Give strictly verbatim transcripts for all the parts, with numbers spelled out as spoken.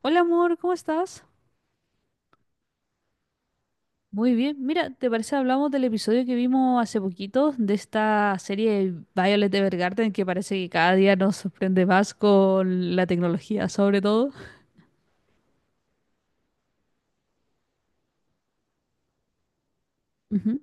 Hola amor, ¿cómo estás? Muy bien. Mira, ¿te parece hablamos del episodio que vimos hace poquito de esta serie Violet Evergarden que parece que cada día nos sorprende más con la tecnología, sobre todo? Ujú.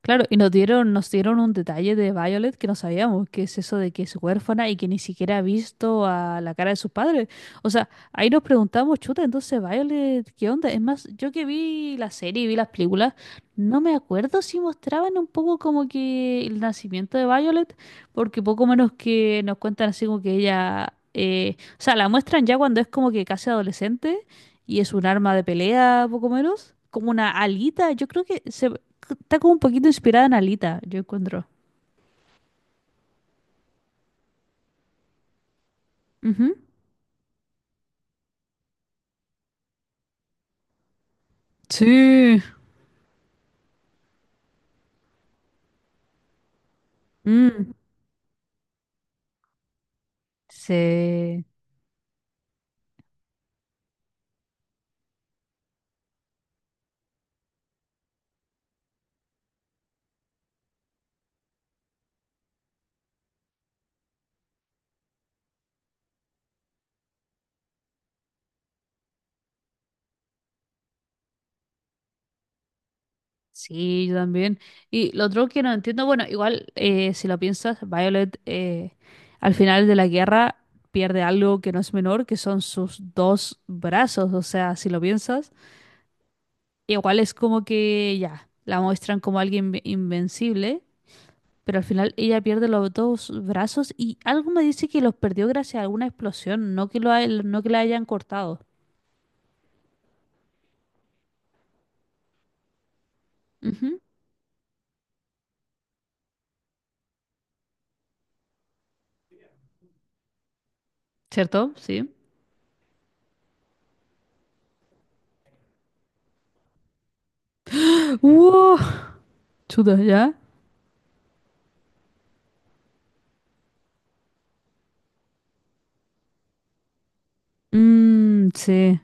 Claro, y nos dieron, nos dieron un detalle de Violet que no sabíamos, que es eso de que es huérfana y que ni siquiera ha visto a la cara de sus padres. O sea, ahí nos preguntamos, chuta, entonces Violet, ¿qué onda? Es más, yo que vi la serie y vi las películas, no me acuerdo si mostraban un poco como que el nacimiento de Violet, porque poco menos que nos cuentan así como que ella, eh, o sea, la muestran ya cuando es como que casi adolescente y es un arma de pelea, poco menos, como una alita. Yo creo que se, está como un poquito inspirada en Alita, yo encuentro. Ujú. Sí. Mm, sí, sí, yo también. Y lo otro que no entiendo, bueno, igual eh, si lo piensas, Violet eh, al final de la guerra pierde algo que no es menor, que son sus dos brazos. O sea, si lo piensas, igual es como que ya, la muestran como alguien inve- invencible, pero al final ella pierde los dos brazos y algo me dice que los perdió gracias a alguna explosión, no que lo, hay- no que la hayan cortado. Ujú. ¿Cierto? Sí. ¡Uh! Chuta, ¿ya? Mm, sí.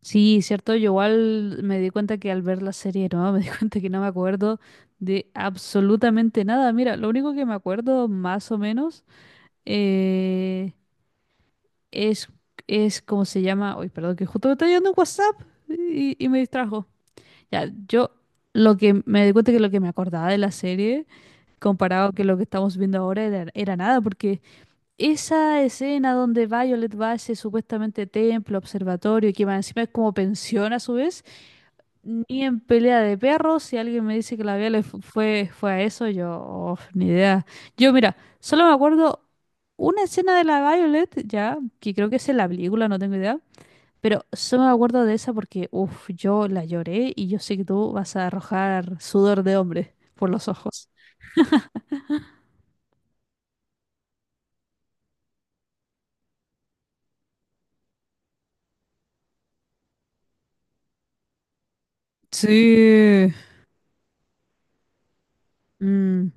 Sí, cierto. Yo igual me di cuenta que al ver la serie, no, me di cuenta que no me acuerdo de absolutamente nada. Mira, lo único que me acuerdo más o menos eh, es, es cómo se llama. Uy, perdón, que justo me está llegando un WhatsApp y, y me distrajo. Ya, yo lo que me di cuenta que lo que me acordaba de la serie, comparado que lo que estamos viendo ahora, era, era nada, porque esa escena donde Violet va a ese supuestamente templo, observatorio, que más encima es como pensión a su vez, ni en pelea de perros, si alguien me dice que la Violet fu- fue, fue a eso, yo, oh, ni idea. Yo, mira, solo me acuerdo una escena de la Violet, ya, que creo que es en la película, no tengo idea, pero solo me acuerdo de esa porque, uff, yo la lloré y yo sé que tú vas a arrojar sudor de hombre por los ojos. Sí. Mm,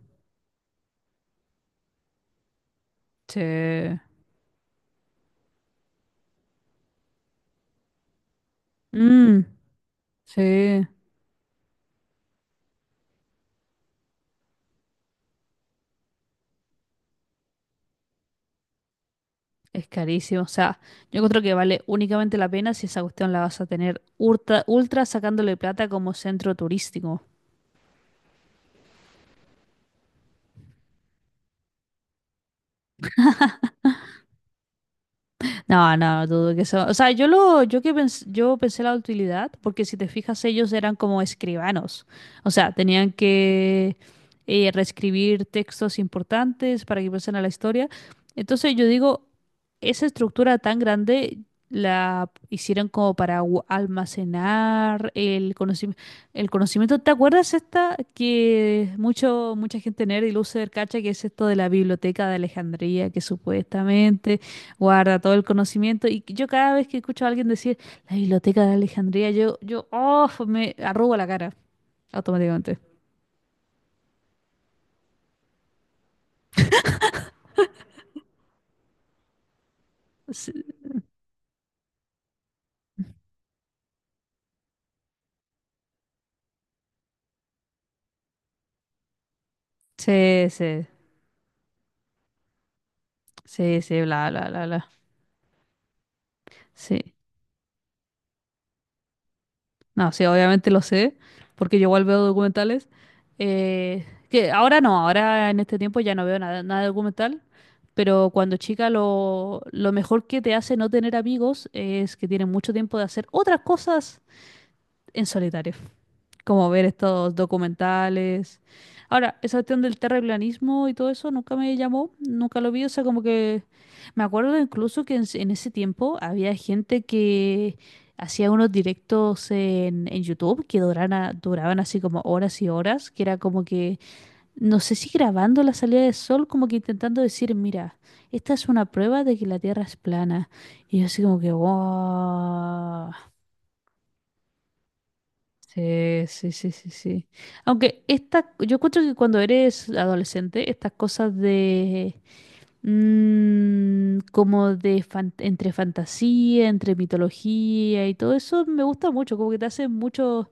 sí. Mm. Sí, es carísimo. O sea, yo encuentro que vale únicamente la pena si esa cuestión la vas a tener ultra, ultra sacándole plata como centro turístico. No, no, dudo que eso. O sea, yo lo, yo que pens- yo pensé la utilidad, porque si te fijas, ellos eran como escribanos. O sea, tenían que eh, reescribir textos importantes para que pasen a la historia. Entonces yo digo, esa estructura tan grande la hicieron como para gu- almacenar el conocimiento. El conocimiento. ¿Te acuerdas esta que mucho, mucha gente nerd y loser cacha que es esto de la biblioteca de Alejandría, que supuestamente guarda todo el conocimiento? Y yo cada vez que escucho a alguien decir la biblioteca de Alejandría, yo, yo, oh, me arrugo la cara automáticamente. Sí, sí, sí, sí, sí, bla, bla, bla, bla. Sí. No, sí, obviamente lo sé, porque yo igual veo documentales. Eh, que ahora no, ahora en este tiempo ya no veo nada, nada de documental. Pero cuando chica lo, lo mejor que te hace no tener amigos es que tienes mucho tiempo de hacer otras cosas en solitario, como ver estos documentales. Ahora, esa cuestión del terraplanismo y todo eso nunca me llamó, nunca lo vi, o sea, como que me acuerdo incluso que en, s- en ese tiempo había gente que hacía unos directos en, en YouTube que duraban, a- duraban así como horas y horas, que era como que, no sé si grabando la salida del sol, como que intentando decir, mira, esta es una prueba de que la Tierra es plana. Y yo así como que, wow. Sí, sí, sí, sí, sí. Aunque esta, yo encuentro que cuando eres adolescente, estas cosas de mm, como de fan- entre fantasía, entre mitología y todo eso me gusta mucho, como que te hace mucho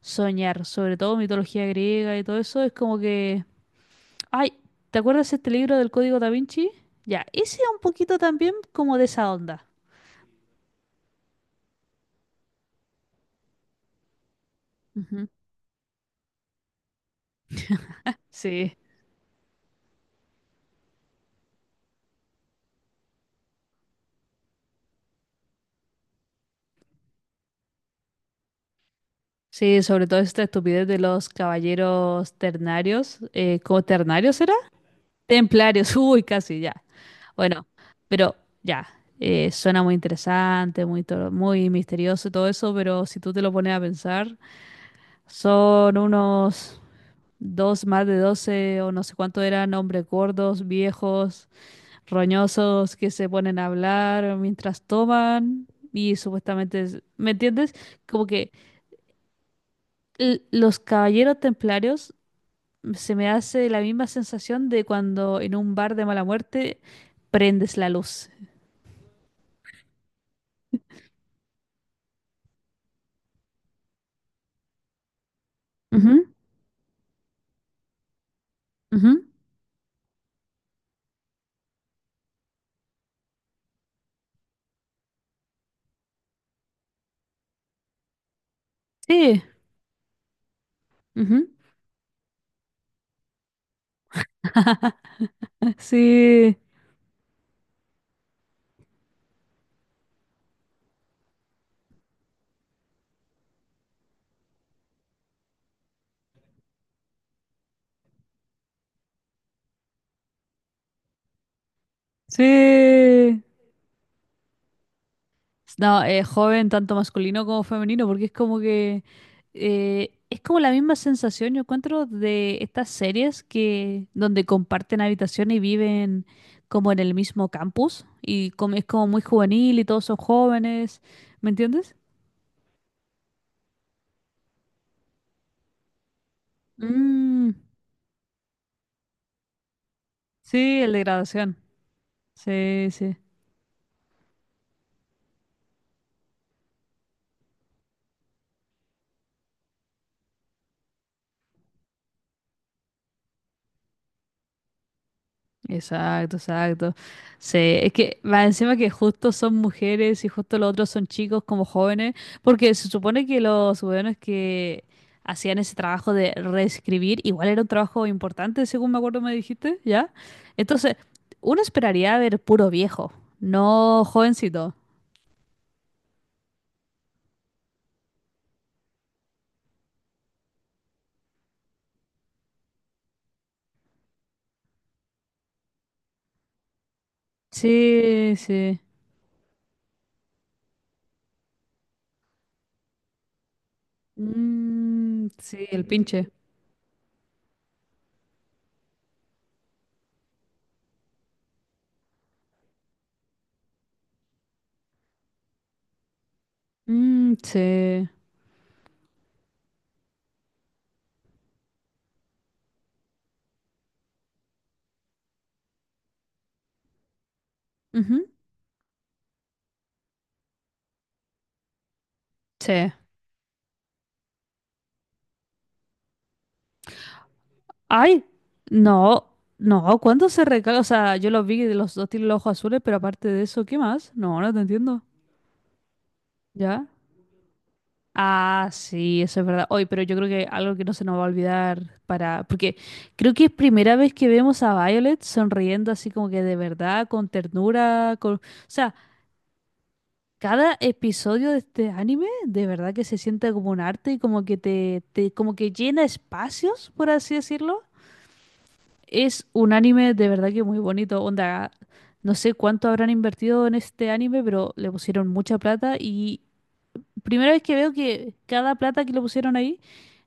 soñar, sobre todo mitología griega y todo eso, es como que, ay, ¿te acuerdas este libro del Código Da Vinci? Ya, ese es un poquito también como de esa onda. Ujú. Sí. Sí, sobre todo esta estupidez de los caballeros ternarios. Eh, ¿cómo ternarios era? Templarios, uy, casi ya. Bueno, pero ya, eh, suena muy interesante, muy, to- muy misterioso y todo eso, pero si tú te lo pones a pensar, son unos dos, más de doce o no sé cuánto eran hombres gordos, viejos, roñosos, que se ponen a hablar mientras toman y supuestamente, es- ¿me entiendes? Como que l- los caballeros templarios se me hace la misma sensación de cuando en un bar de mala muerte prendes la luz. Ujú, ujú. Sí, ujú, sí, sí. No, eh, joven, tanto masculino como femenino, porque es como que eh, es como la misma sensación, yo encuentro, de estas series que donde comparten habitación y viven como en el mismo campus y como, es como muy juvenil y todos son jóvenes, ¿me entiendes? Mm, sí, el de graduación. Sí, sí. Exacto, exacto. Sí, es que más encima que justo son mujeres y justo los otros son chicos como jóvenes, porque se supone que los jóvenes que hacían ese trabajo de reescribir, igual era un trabajo importante, según me acuerdo me dijiste, ¿ya? Entonces, uno esperaría ver puro viejo, no jovencito. Sí, sí. Mm, sí, el pinche. Mm, sí. Ujú, sí. Ay, no, no, ¿cuándo se recarga? O sea, yo los vi de los dos tienen los ojos azules, pero aparte de eso, ¿qué más? No, no te entiendo. ¿Ya? Ah, sí, eso es verdad. Hoy, pero yo creo que algo que no se nos va a olvidar para. Porque creo que es primera vez que vemos a Violet sonriendo así como que de verdad, con ternura, con. O sea, cada episodio de este anime de verdad que se siente como un arte y como que te, te como que llena espacios, por así decirlo. Es un anime de verdad que muy bonito. Onda, no sé cuánto habrán invertido en este anime, pero le pusieron mucha plata y primera vez que veo que cada plata que le pusieron ahí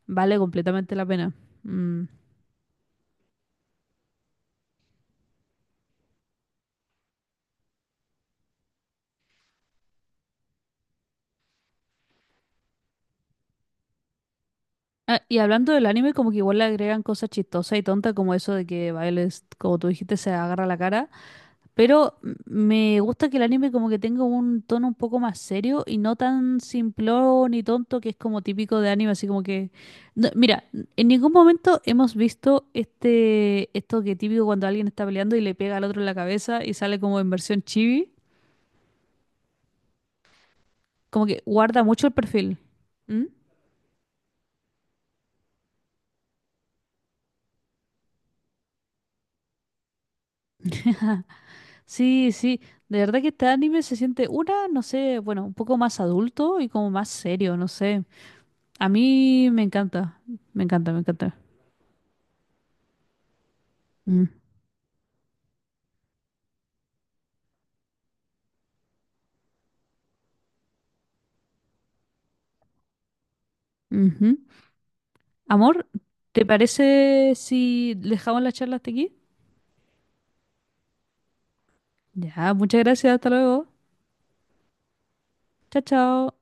vale completamente la pena. Mm. Ah, y hablando del anime, como que igual le agregan cosas chistosas y tontas, como eso de que Violet, como tú dijiste, se agarra la cara. Pero me gusta que el anime como que tenga un tono un poco más serio y no tan simplón y tonto que es como típico de anime, así como que... No, mira, en ningún momento hemos visto este esto que típico cuando alguien está peleando y le pega al otro en la cabeza y sale como en versión chibi, como que guarda mucho el perfil. ¿Mm? Sí, sí, de verdad que este anime se siente una, no sé, bueno, un poco más adulto y como más serio, no sé. A mí me encanta, me encanta, me encanta. Mm, ujú. Amor, ¿te parece si dejamos la charla hasta aquí? Ya, muchas gracias, hasta luego. Chao, chao.